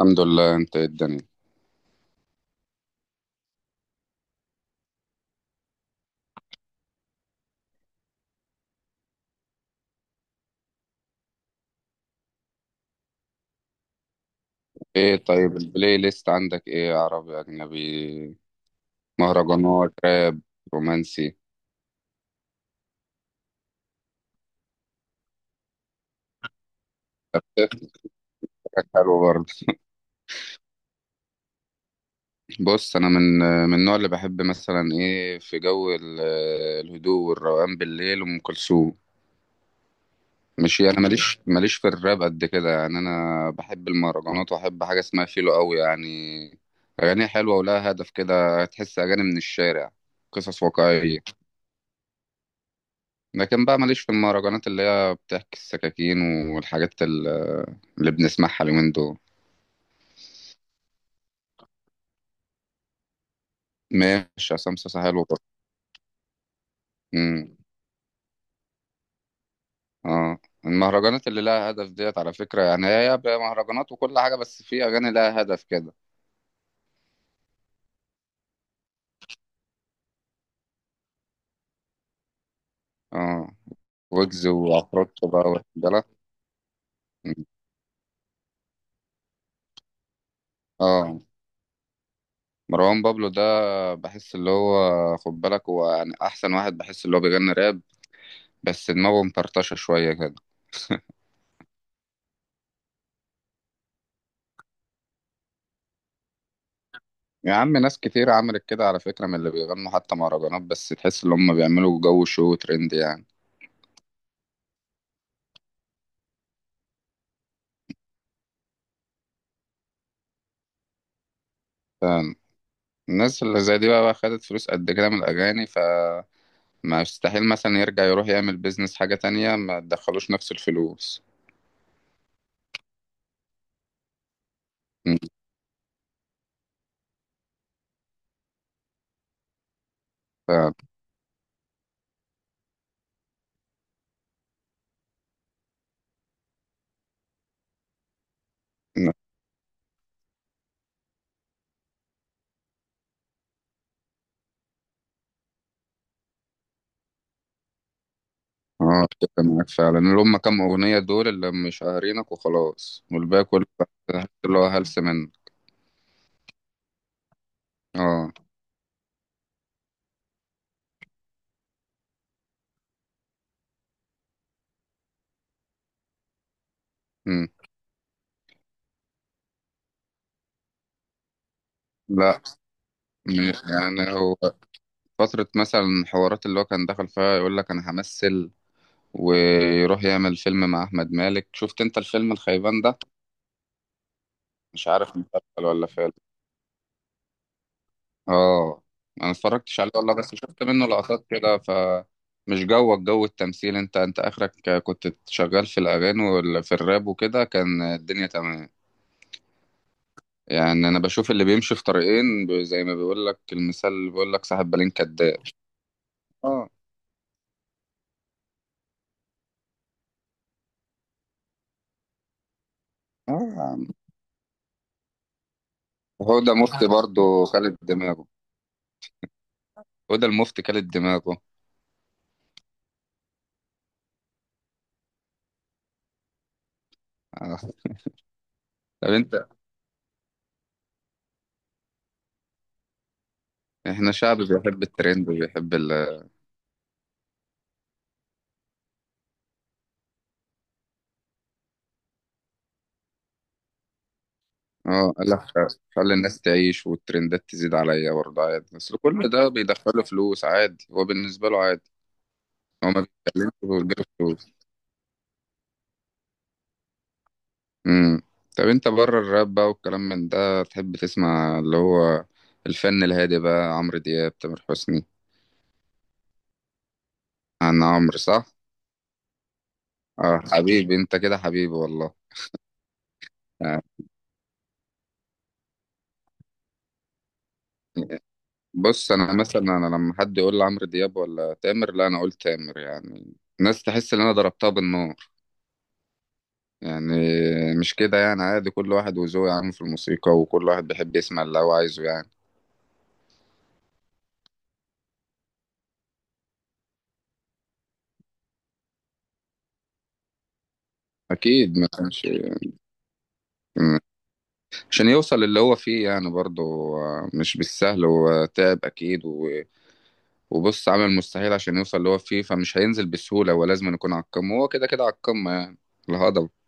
الحمد لله، انت ايه الدنيا؟ ايه طيب، البلاي ليست عندك ايه؟ عربي، اجنبي، مهرجانات، راب، رومانسي؟ حاجات حلوه برضه. بص انا من النوع اللي بحب مثلا ايه في جو الهدوء والروقان بالليل ام كلثوم. مش انا ماليش في الراب قد كده، يعني انا بحب المهرجانات واحب حاجه اسمها فيلو قوي، يعني اغاني حلوه ولها هدف كده، تحس اغاني من الشارع، قصص واقعيه. لكن بقى ماليش في المهرجانات اللي هي بتحكي السكاكين والحاجات اللي بنسمعها اليومين دول. ماشي، عصام صاصا حلو برضه. امم اه. المهرجانات اللي لها هدف ديت على فكرة، يعني هي بقى مهرجانات وكل حاجة، بس في أغاني لها هدف كده. اه، ويجز وعفروتو بقى، واخد بالك. مم. اه، مروان بابلو ده بحس اللي هو، خد بالك، هو يعني أحسن واحد، بحس اللي هو بيغني راب بس دماغه مفرطشة شوية كده. يا عم، ناس كتير عملت كده على فكرة، من اللي بيغنوا حتى مهرجانات، بس تحس ان هم بيعملوا جو شو ترند يعني. فالناس اللي زي دي بقى خدت فلوس قد كده من الأغاني، فما يستحيل مثلا يرجع يروح يعمل بيزنس حاجة تانية ما تدخلوش نفس الفلوس. م، ف أتفق معاك فعلا، اللي هم كام أغنية دول اللي مشهرينك وخلاص، والباقي كله اللي هو هلس منه. اه. م. لا. م- يعني هو فترة مثلا، حوارات اللي هو كان دخل فيها يقول لك أنا همثل، ويروح يعمل فيلم مع احمد مالك، شفت انت الفيلم الخيبان ده؟ مش عارف، مسلسل ولا فيلم. اه، انا اتفرجتش عليه والله، بس شفت منه لقطات كده، فمش جوك جو التمثيل، انت اخرك كنت شغال في الاغاني وفي الراب وكده كان الدنيا تمام. يعني انا بشوف اللي بيمشي في طريقين زي ما بيقول لك المثال، اللي بيقول لك صاحب بالين كداب. اه، اه، يا عم. هو ده مفتي برضه خالد دماغه. هو ده المفتي خالد دماغه. آه. طب انت، احنا شعب بيحب الترند وبيحب ال. اه قال لك: خلي الناس تعيش والترندات تزيد عليا، برضه عادي، بس كل ده بيدخله فلوس، عادي هو بالنسبة له عادي. هو ما بيتكلمش وبيجيب فلوس. امم طب انت بره الراب بقى والكلام من ده، تحب تسمع اللي هو الفن الهادي بقى؟ عمرو دياب، تامر حسني؟ عن عمرو صح؟ اه، حبيبي انت كده، حبيبي والله. يعني بص انا مثلا انا لما حد يقول لي عمرو دياب ولا تامر، لا انا اقول تامر، يعني الناس تحس ان انا ضربتها بالنار، يعني مش كده، يعني عادي، كل واحد وذوقه يا عم في الموسيقى، وكل واحد بيحب يسمع اللي هو عايزه يعني. أكيد ما كانش، م- عشان يوصل اللي هو فيه يعني برضه، مش بالسهل، هو تعب أكيد و- وبص، عمل المستحيل عشان يوصل اللي هو فيه، فمش هينزل بسهولة، هو لازم يكون على القمة، هو كده كده على القمة يعني الهضبة.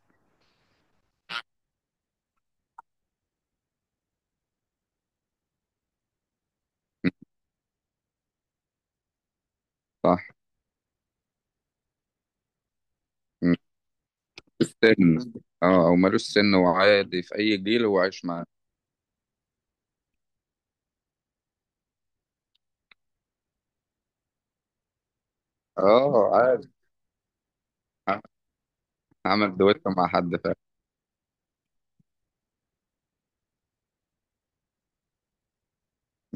صح. م- السن. اه، أو ملوش سن وعادي في أي جيل هو عايش معاه. اه عادي. ع- عمل دويتو مع حد فعلا؟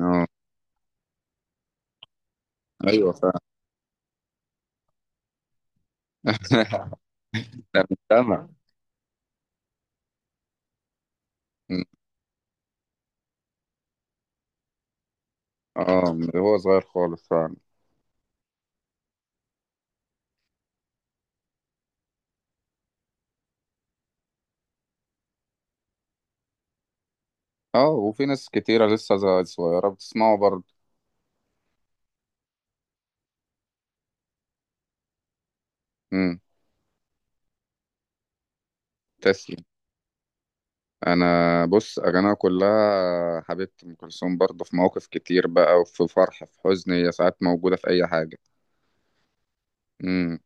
اه، أيوه فعلا. ده مجتمع. اه، من هو صغير خالص فعلا. اه، وفي ناس كتيرة لسه صغيرة بتسمعه برضه. امم. تسلم. انا بص، اغانيها كلها حبيبتي ام كلثوم، برضه في مواقف كتير بقى، وفي فرح، في حزن، هي ساعات موجودة في اي حاجة. امم.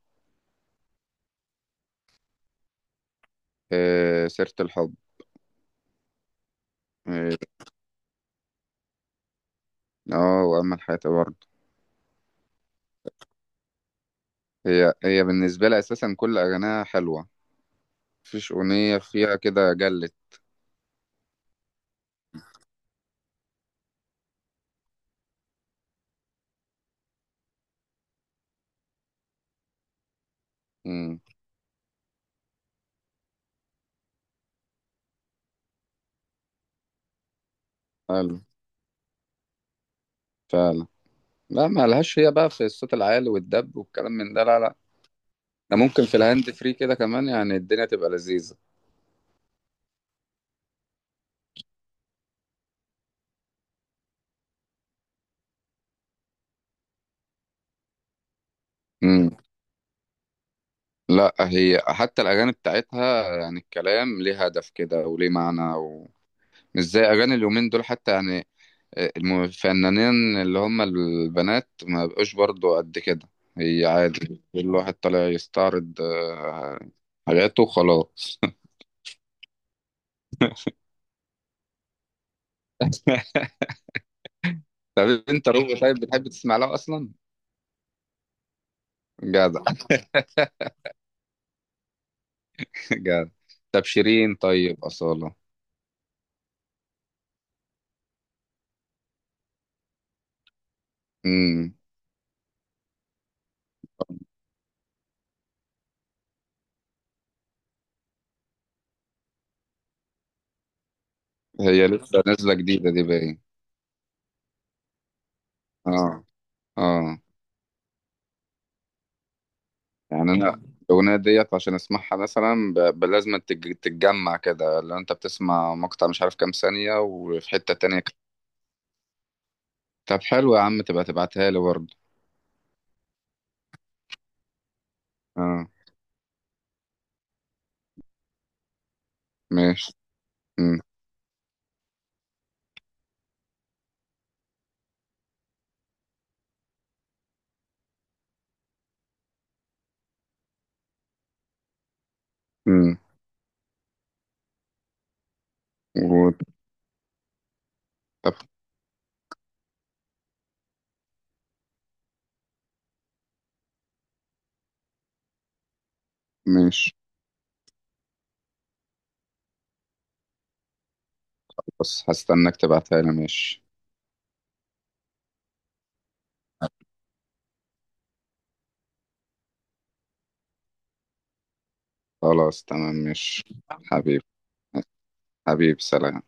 إيه سيرة الحب. إيه، اه، وامل حياتي برضه. هي هي بالنسبة لي اساسا كل اغانيها حلوة، مفيش اغنية فيها كده جلت. امم. حلو. فعلا. لا، ما لهاش هي بقى في الصوت العالي والدب والكلام من ده، لا، لا. ده ممكن في الهاند فري كده كمان، يعني الدنيا تبقى لذيذة. امم. لا، هي حتى الأغاني بتاعتها يعني الكلام ليه هدف كده وليه معنى، ومش زي أغاني اليومين دول حتى، يعني الفنانين اللي هم البنات ما بقوش برضو قد كده، هي عادي كل واحد طالع يستعرض حاجاته وخلاص. طب انت روبي طيب بتحب تسمع لها اصلا؟ جدع. جدع. طب شيرين؟ طيب أصالة؟ امم. هي لسه نازلة جديدة دي باين. اه، اه، يعني انا، يعني الاغنيه ديت عشان اسمعها مثلا لازم تتجمع كده، لو انت بتسمع مقطع مش عارف كام ثانيه وفي حته تانية. طب حلو يا عم، تبقى تبعتها لي برضه. اه ماشي. امم، امم. و- طب ماشي، بس هستناك تبعتها لي ماشي. خلاص تمام ماشي. حبيبي، حبيبي سلام.